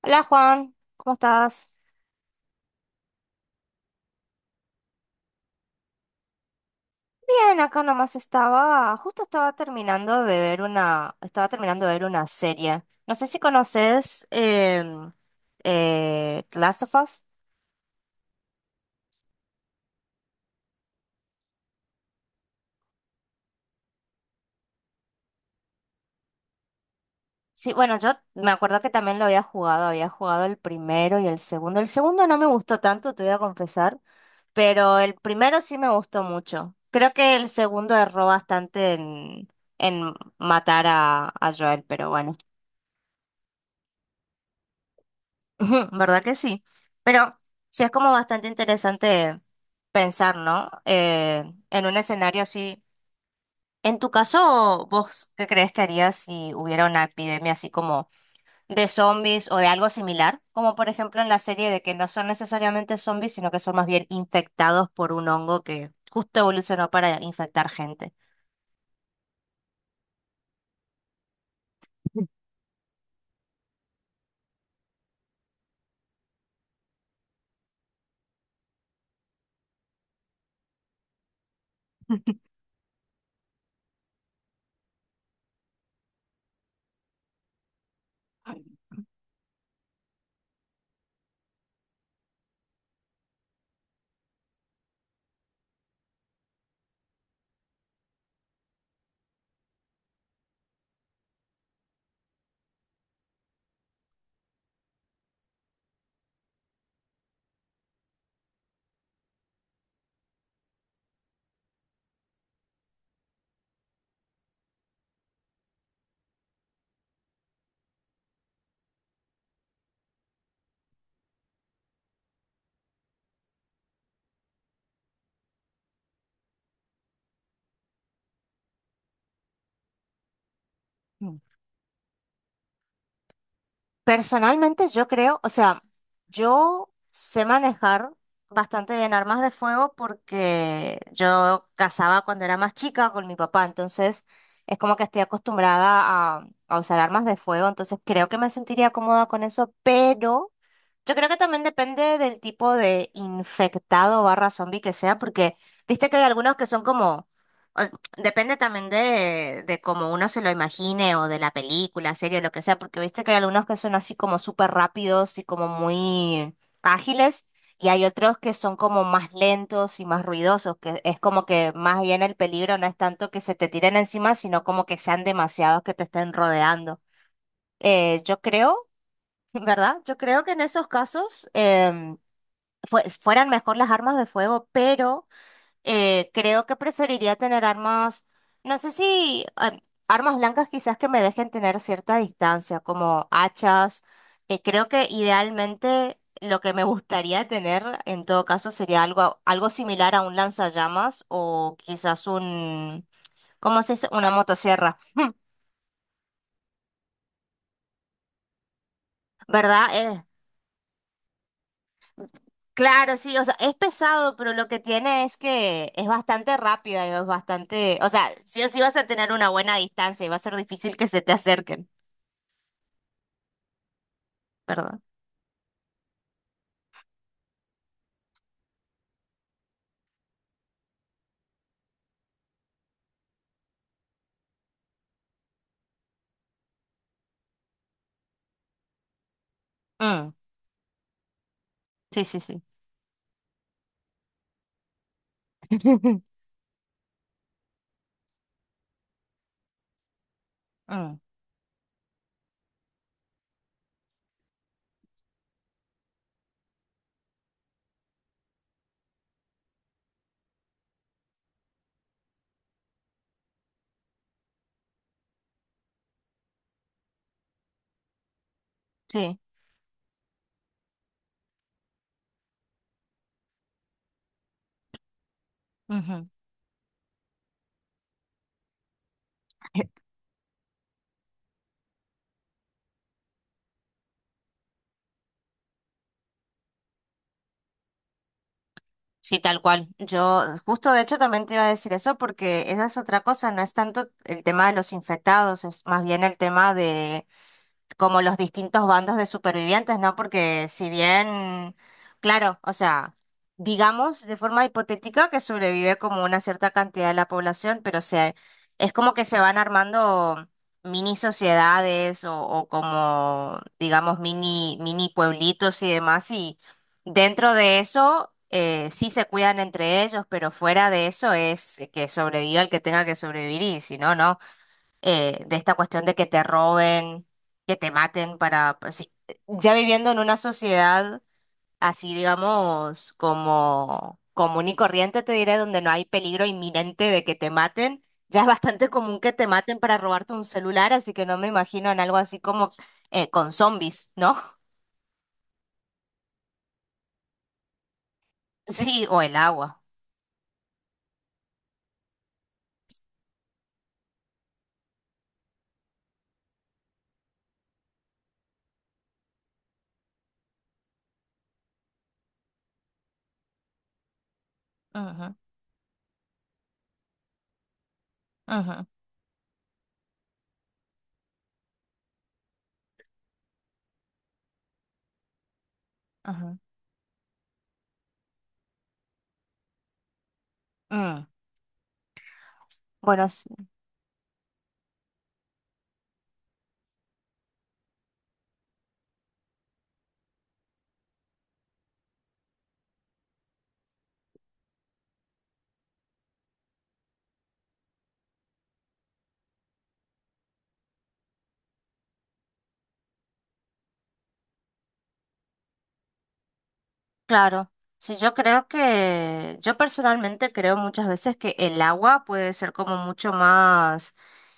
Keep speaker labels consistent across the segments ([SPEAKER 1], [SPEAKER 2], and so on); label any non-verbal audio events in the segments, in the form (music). [SPEAKER 1] Hola Juan, ¿cómo estás? Bien, acá nomás estaba, justo estaba terminando de ver una, estaba terminando de ver una serie. No sé si conoces The Last of Us. Sí, bueno, yo me acuerdo que también lo había jugado el primero y el segundo. El segundo no me gustó tanto, te voy a confesar, pero el primero sí me gustó mucho. Creo que el segundo erró bastante en matar a Joel, pero bueno. Ujú, ¿verdad que sí? Pero sí es como bastante interesante pensar, ¿no? En un escenario así. En tu caso, ¿vos qué crees que harías si hubiera una epidemia así como de zombies o de algo similar? Como por ejemplo en la serie de que no son necesariamente zombies, sino que son más bien infectados por un hongo que justo evolucionó para infectar gente. Personalmente yo creo, o sea, yo sé manejar bastante bien armas de fuego porque yo cazaba cuando era más chica con mi papá, entonces es como que estoy acostumbrada a usar armas de fuego, entonces creo que me sentiría cómoda con eso, pero... Yo creo que también depende del tipo de infectado barra zombie que sea, porque viste que hay algunos que son como, o- depende también de cómo uno se lo imagine o de la película, serie, lo que sea, porque viste que hay algunos que son así como súper rápidos y como muy ágiles, y hay otros que son como más lentos y más ruidosos, que es como que más bien el peligro no es tanto que se te tiren encima, sino como que sean demasiados que te estén rodeando. Yo creo. ¿Verdad? Yo creo que en esos casos fueran mejor las armas de fuego, pero creo que preferiría tener armas, no sé si armas blancas quizás que me dejen tener cierta distancia, como hachas, que creo que idealmente lo que me (laughs) gustaría tener en todo caso sería algo, algo similar a un lanzallamas o quizás un, ¿cómo se dice? Una motosierra, ¿verdad? Claro, sí, o sea, es pesado, pero lo que tiene es que es bastante rápida y es bastante, o sea, sí o sí vas a tener una buena distancia y va a ser difícil que se te acerquen, ¿verdad? Mm, sí, sí, sí. (laughs) Mm, sí. Ujú. Sí, tal cual. Yo justo de hecho también te iba a decir eso porque esa es otra cosa, no es tanto el tema de los infectados, es más bien el tema de como los distintos bandos de supervivientes, ¿no? Porque si bien, claro, o sea, digamos de forma hipotética que sobrevive como una cierta cantidad de la población, pero se, es como que se van armando mini sociedades o como, digamos, mini pueblitos y demás, y dentro de eso... sí se cuidan entre ellos, pero fuera de eso es que sobreviva el que tenga que sobrevivir y si no, no. De esta cuestión de que te roben, que te maten para, pues, sí, ya viviendo en una sociedad así, digamos, como común y corriente, te diré, donde no hay peligro inminente de que te maten, ya es bastante común que te maten para robarte un celular, así que no me imagino en algo así como con zombies, ¿no? (laughs) Sí, o el agua. Ujú, ujú, ujú. Mm. Bueno, claro, sí, yo creo que, yo personalmente creo muchas veces que el agua puede ser como mucho más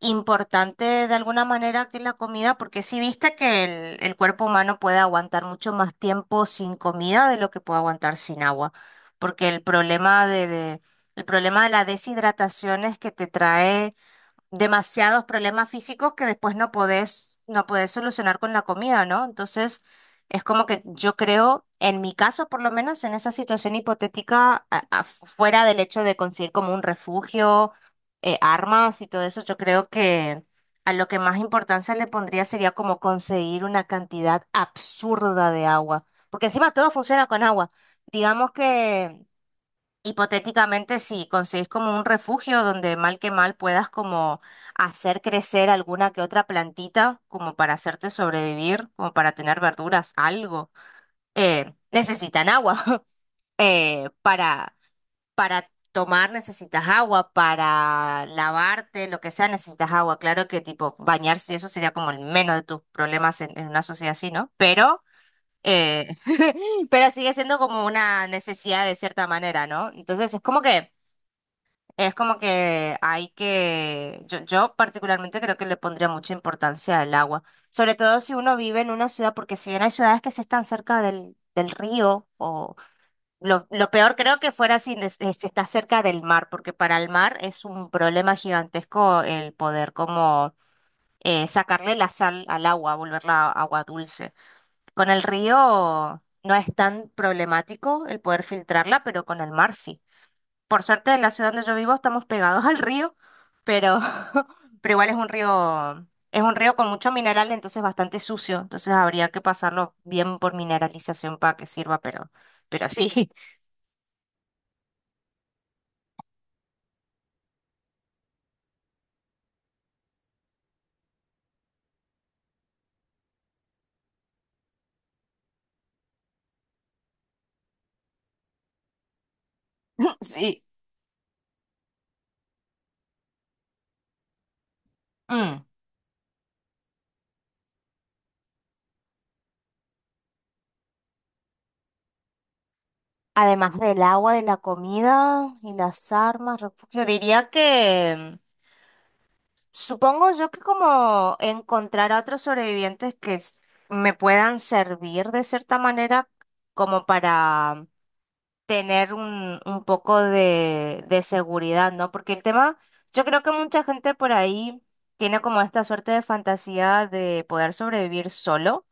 [SPEAKER 1] importante de alguna manera que la comida, porque si viste que el cuerpo humano puede aguantar mucho más tiempo sin comida de lo que puede aguantar sin agua, porque el problema el problema de la deshidratación es que te trae demasiados problemas físicos que después no podés, no podés solucionar con la comida, ¿no? Entonces, es como que yo creo, en mi caso, por lo menos en esa situación hipotética, fuera del hecho de conseguir como un refugio, armas y todo eso, yo creo que a lo que más importancia le pondría sería como conseguir una cantidad absurda de agua, porque encima todo funciona con agua. Digamos que... hipotéticamente, si conseguís como un refugio donde mal que mal puedas como hacer crecer alguna que otra plantita, como para hacerte sobrevivir, como para tener verduras, algo. Necesitan agua. (laughs) Eh, para, para tomar necesitas agua, para lavarte, lo que sea, necesitas agua. Claro que tipo bañarse, eso sería como el menos de tus problemas en una sociedad así, ¿no? Pero... eh, (laughs) pero sigue siendo como una necesidad de cierta manera, ¿no? Entonces es como que hay que, yo particularmente creo que le pondría mucha importancia al agua, sobre todo si uno vive en una ciudad, porque si bien hay ciudades que se están cerca del, del río, o lo peor creo que fuera si, si está cerca del mar, porque para el mar es un problema gigantesco el poder como sacarle la sal al agua, volverla agua dulce. Con el río no es tan problemático el poder filtrarla, pero con el mar sí. Por suerte, en la ciudad donde yo vivo estamos pegados (laughs) al río, pero, (laughs) pero igual es un río con mucho mineral, entonces bastante sucio. Entonces habría que pasarlo bien por mineralización para que sirva, pero sí, (laughs) sí. Mm. Además del agua, de la comida y las armas, refugio, diría que supongo yo que como encontrar a otros sobrevivientes que me puedan servir de cierta manera como para tener un poco de seguridad, ¿no? Porque el tema, yo creo que mucha gente por ahí tiene como esta suerte de fantasía de poder sobrevivir solo,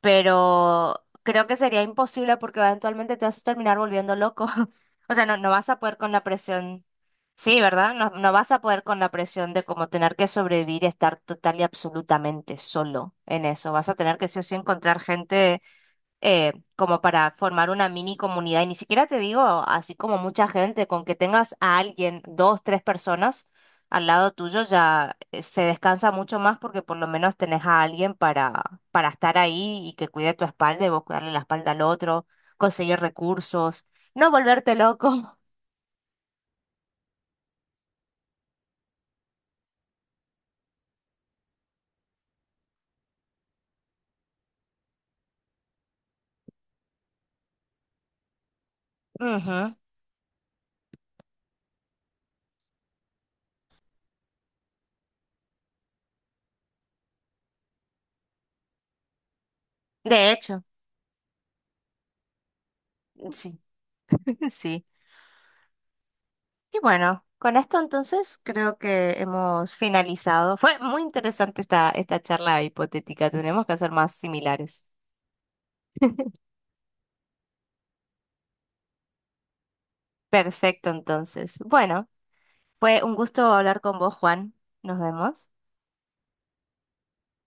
[SPEAKER 1] pero creo que sería imposible porque eventualmente te vas a terminar volviendo loco. (laughs) O sea, no, no vas a poder con la presión, sí, ¿verdad? No, no vas a poder con la presión de como tener que sobrevivir, y estar total y absolutamente solo en eso. Vas a tener que sí o sí encontrar gente como para formar una mini comunidad. Y ni siquiera te digo así como mucha gente, con que tengas a alguien, dos, tres personas al lado tuyo ya se descansa mucho más porque por lo menos tenés a alguien para estar ahí y que cuide tu espalda y vos cuidarle la espalda al otro, conseguir recursos, no volverte loco. (laughs) Ujú. De hecho, sí, (laughs) sí. Y bueno, con esto entonces creo que hemos finalizado. Fue muy interesante esta, esta charla hipotética. Tenemos que hacer más similares. Perfecto, entonces. Bueno, fue un gusto hablar con vos, Juan. Nos vemos.